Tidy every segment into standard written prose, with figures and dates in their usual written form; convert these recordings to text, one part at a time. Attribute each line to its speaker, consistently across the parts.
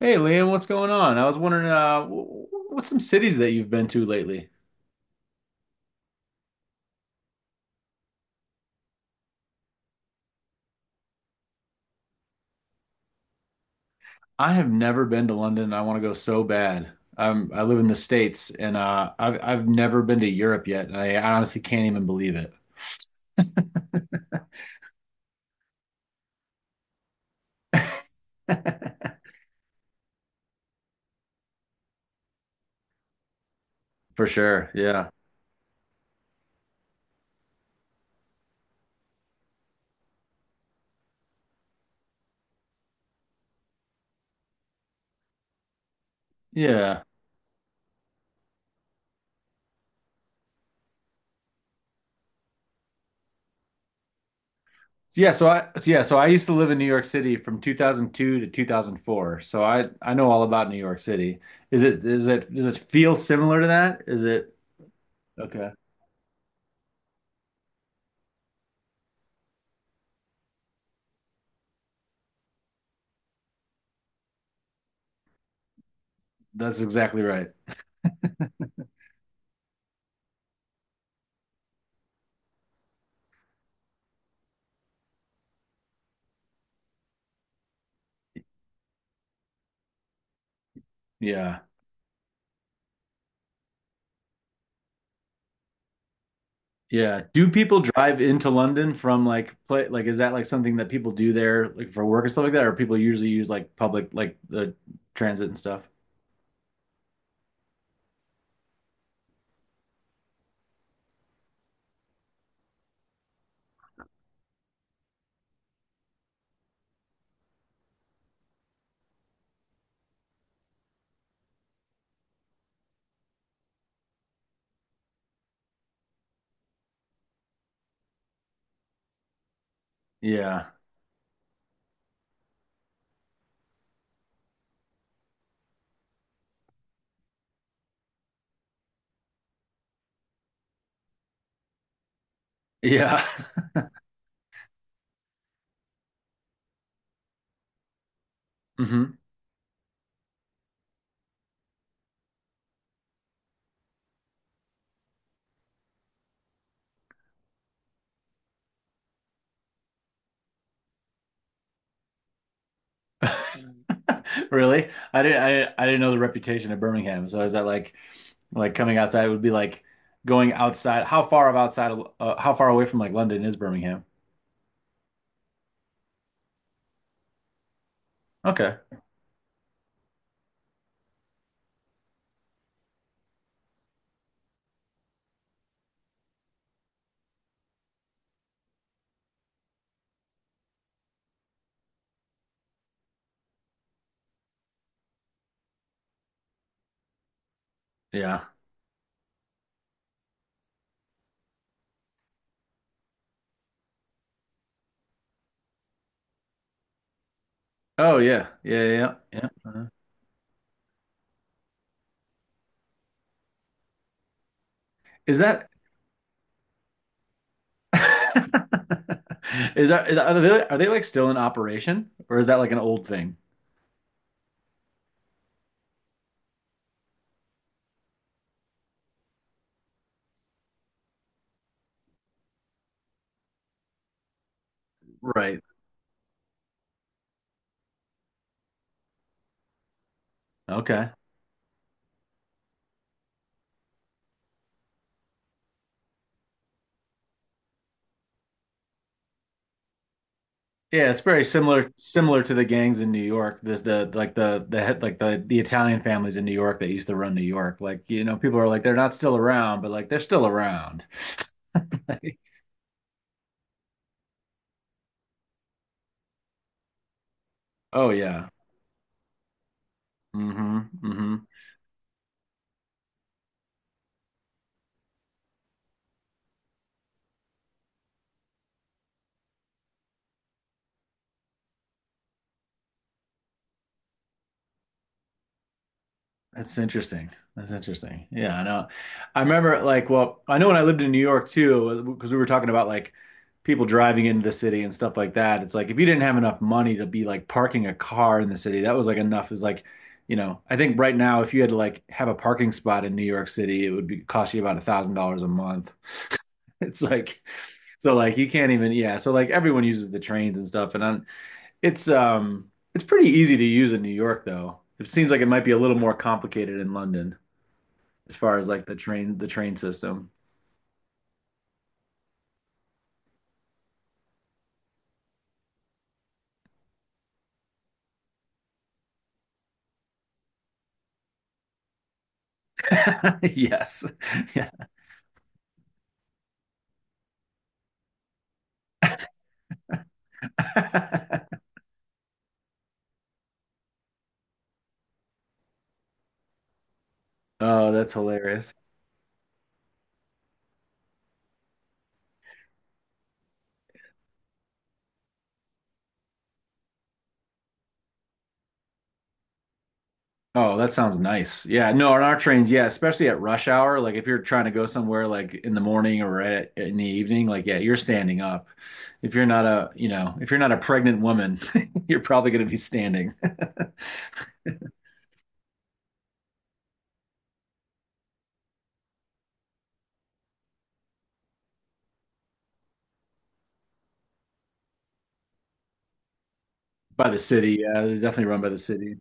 Speaker 1: Hey Liam, what's going on? I was wondering, what's some cities that you've been to lately? I have never been to London, and I want to go so bad. I live in the States, and I've never been to Europe yet, and I honestly can't even believe it. For sure. Yeah. Yeah. Yeah. So I so yeah. So I used to live in New York City from 2002 to 2004. So I know all about New York City. Is it Does it feel similar to that? Is it Okay? That's exactly right. Yeah. Yeah. Do people drive into London from like play like is that like something that people do there like for work and stuff like that, or people usually use like public like the transit and stuff? Yeah. Yeah. hmm Really? I didn't know the reputation of Birmingham. So is that like coming outside would be like going outside? How far of outside of- How far away from like London is Birmingham? Okay. Yeah. Oh yeah. Yeah, yeah, yeah. Uh-huh. Is that? Is that Are they like still in operation, or is that like an old thing? Right. Okay. Yeah, it's very similar to the gangs in New York. There's the like the head like the Italian families in New York that used to run New York. Like, you know, people are like they're not still around, but like they're still around. Oh yeah. Mm-hmm. Mm-hmm. That's interesting. That's interesting. Yeah, I know. I remember like, well, I know when I lived in New York too, because we were talking about like people driving into the city and stuff like that. It's like if you didn't have enough money to be like parking a car in the city, that was like enough. Is like, you know, I think right now if you had to like have a parking spot in New York City, it would be cost you about $1,000 a month. It's like, so like you can't even, yeah. So like everyone uses the trains and stuff, and I it's it's pretty easy to use in New York though. It seems like it might be a little more complicated in London as far as like the train system. Yes. Yeah. Oh, that's hilarious. Oh, that sounds nice. Yeah, no, on our trains, yeah, especially at rush hour, like if you're trying to go somewhere like in the morning in the evening, like yeah, you're standing up. If you're not a, you know, if you're not a pregnant woman, you're probably going to be standing by the city. Yeah, they're definitely run by the city.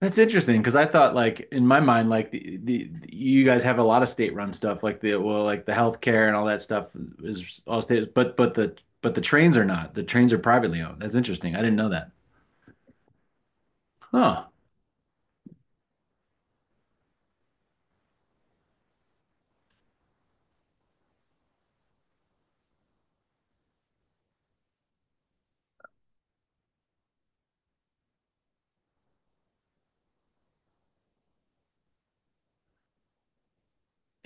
Speaker 1: That's interesting because I thought like in my mind like the you guys have a lot of state-run stuff like the well like the healthcare and all that stuff is all state, but the trains are not. The trains are privately owned. That's interesting. I didn't know that. Huh.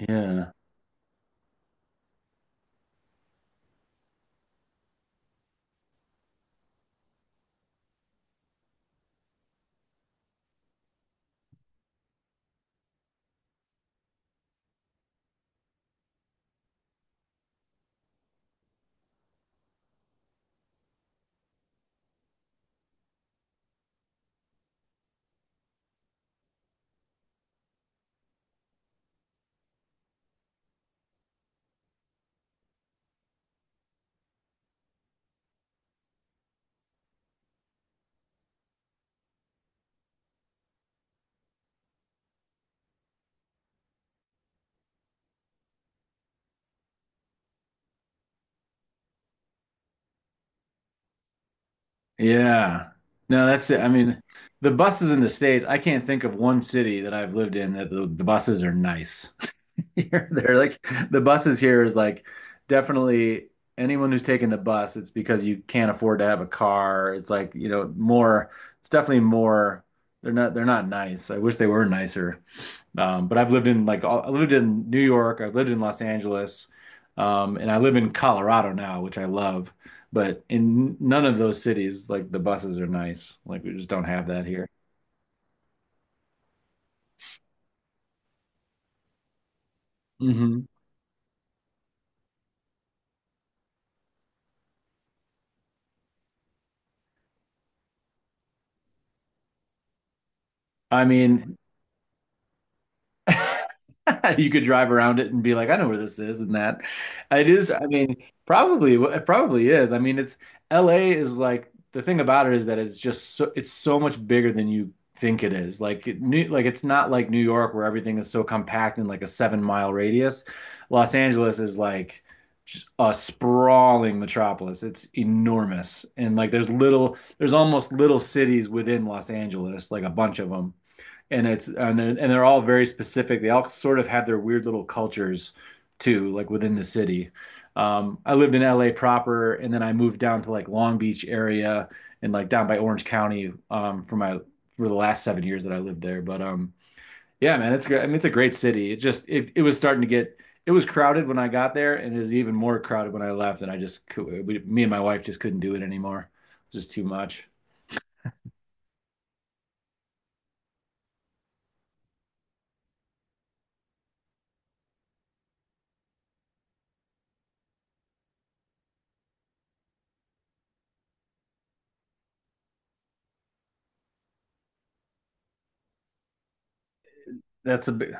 Speaker 1: Yeah. Yeah. No, that's it. I mean, the buses in the States, I can't think of one city that I've lived in that the buses are nice. Here, they're like the buses here is like definitely anyone who's taking the bus, it's because you can't afford to have a car. It's like, you know, it's definitely more, they're not nice. I wish they were nicer. But I've lived in like I lived in New York, I've lived in Los Angeles, and I live in Colorado now, which I love. But in none of those cities, like the buses are nice. Like we just don't have that here. Hmm. I mean, you could drive around it and be like, I know where this is and that. It is, I mean, probably it probably is. I mean, it's LA is like the thing about it is that it's just so it's so much bigger than you think it is. It's not like New York where everything is so compact in like a 7 mile radius. Los Angeles is like just a sprawling metropolis. It's enormous. And like there's almost little cities within Los Angeles, like a bunch of them, and it's and they're all very specific. They all sort of have their weird little cultures too, like within the city. I lived in LA proper, and then I moved down to like Long Beach area and like down by Orange County for my for the last 7 years that I lived there. But yeah, man, it's great. I mean, it's a great city. It just it was starting to get it was crowded when I got there, and it was even more crowded when I left. And I just me and my wife just couldn't do it anymore. It was just too much. That's a big-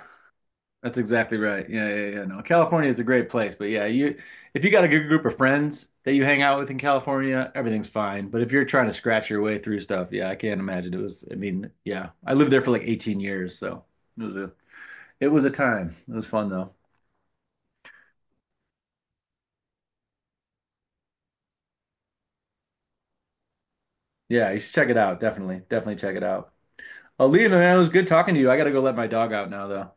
Speaker 1: That's exactly right. Yeah, yeah, yeah. No, California is a great place, but yeah, you if you got a good group of friends that you hang out with in California, everything's fine. But if you're trying to scratch your way through stuff, yeah, I can't imagine it was. I mean, yeah, I lived there for like 18 years, so it was a it was a time. It was fun though. Yeah, you should check it out. Definitely, definitely check it out. Alina, man, it was good talking to you. I gotta go let my dog out now, though.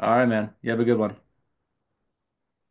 Speaker 1: All right, man. You have a good one.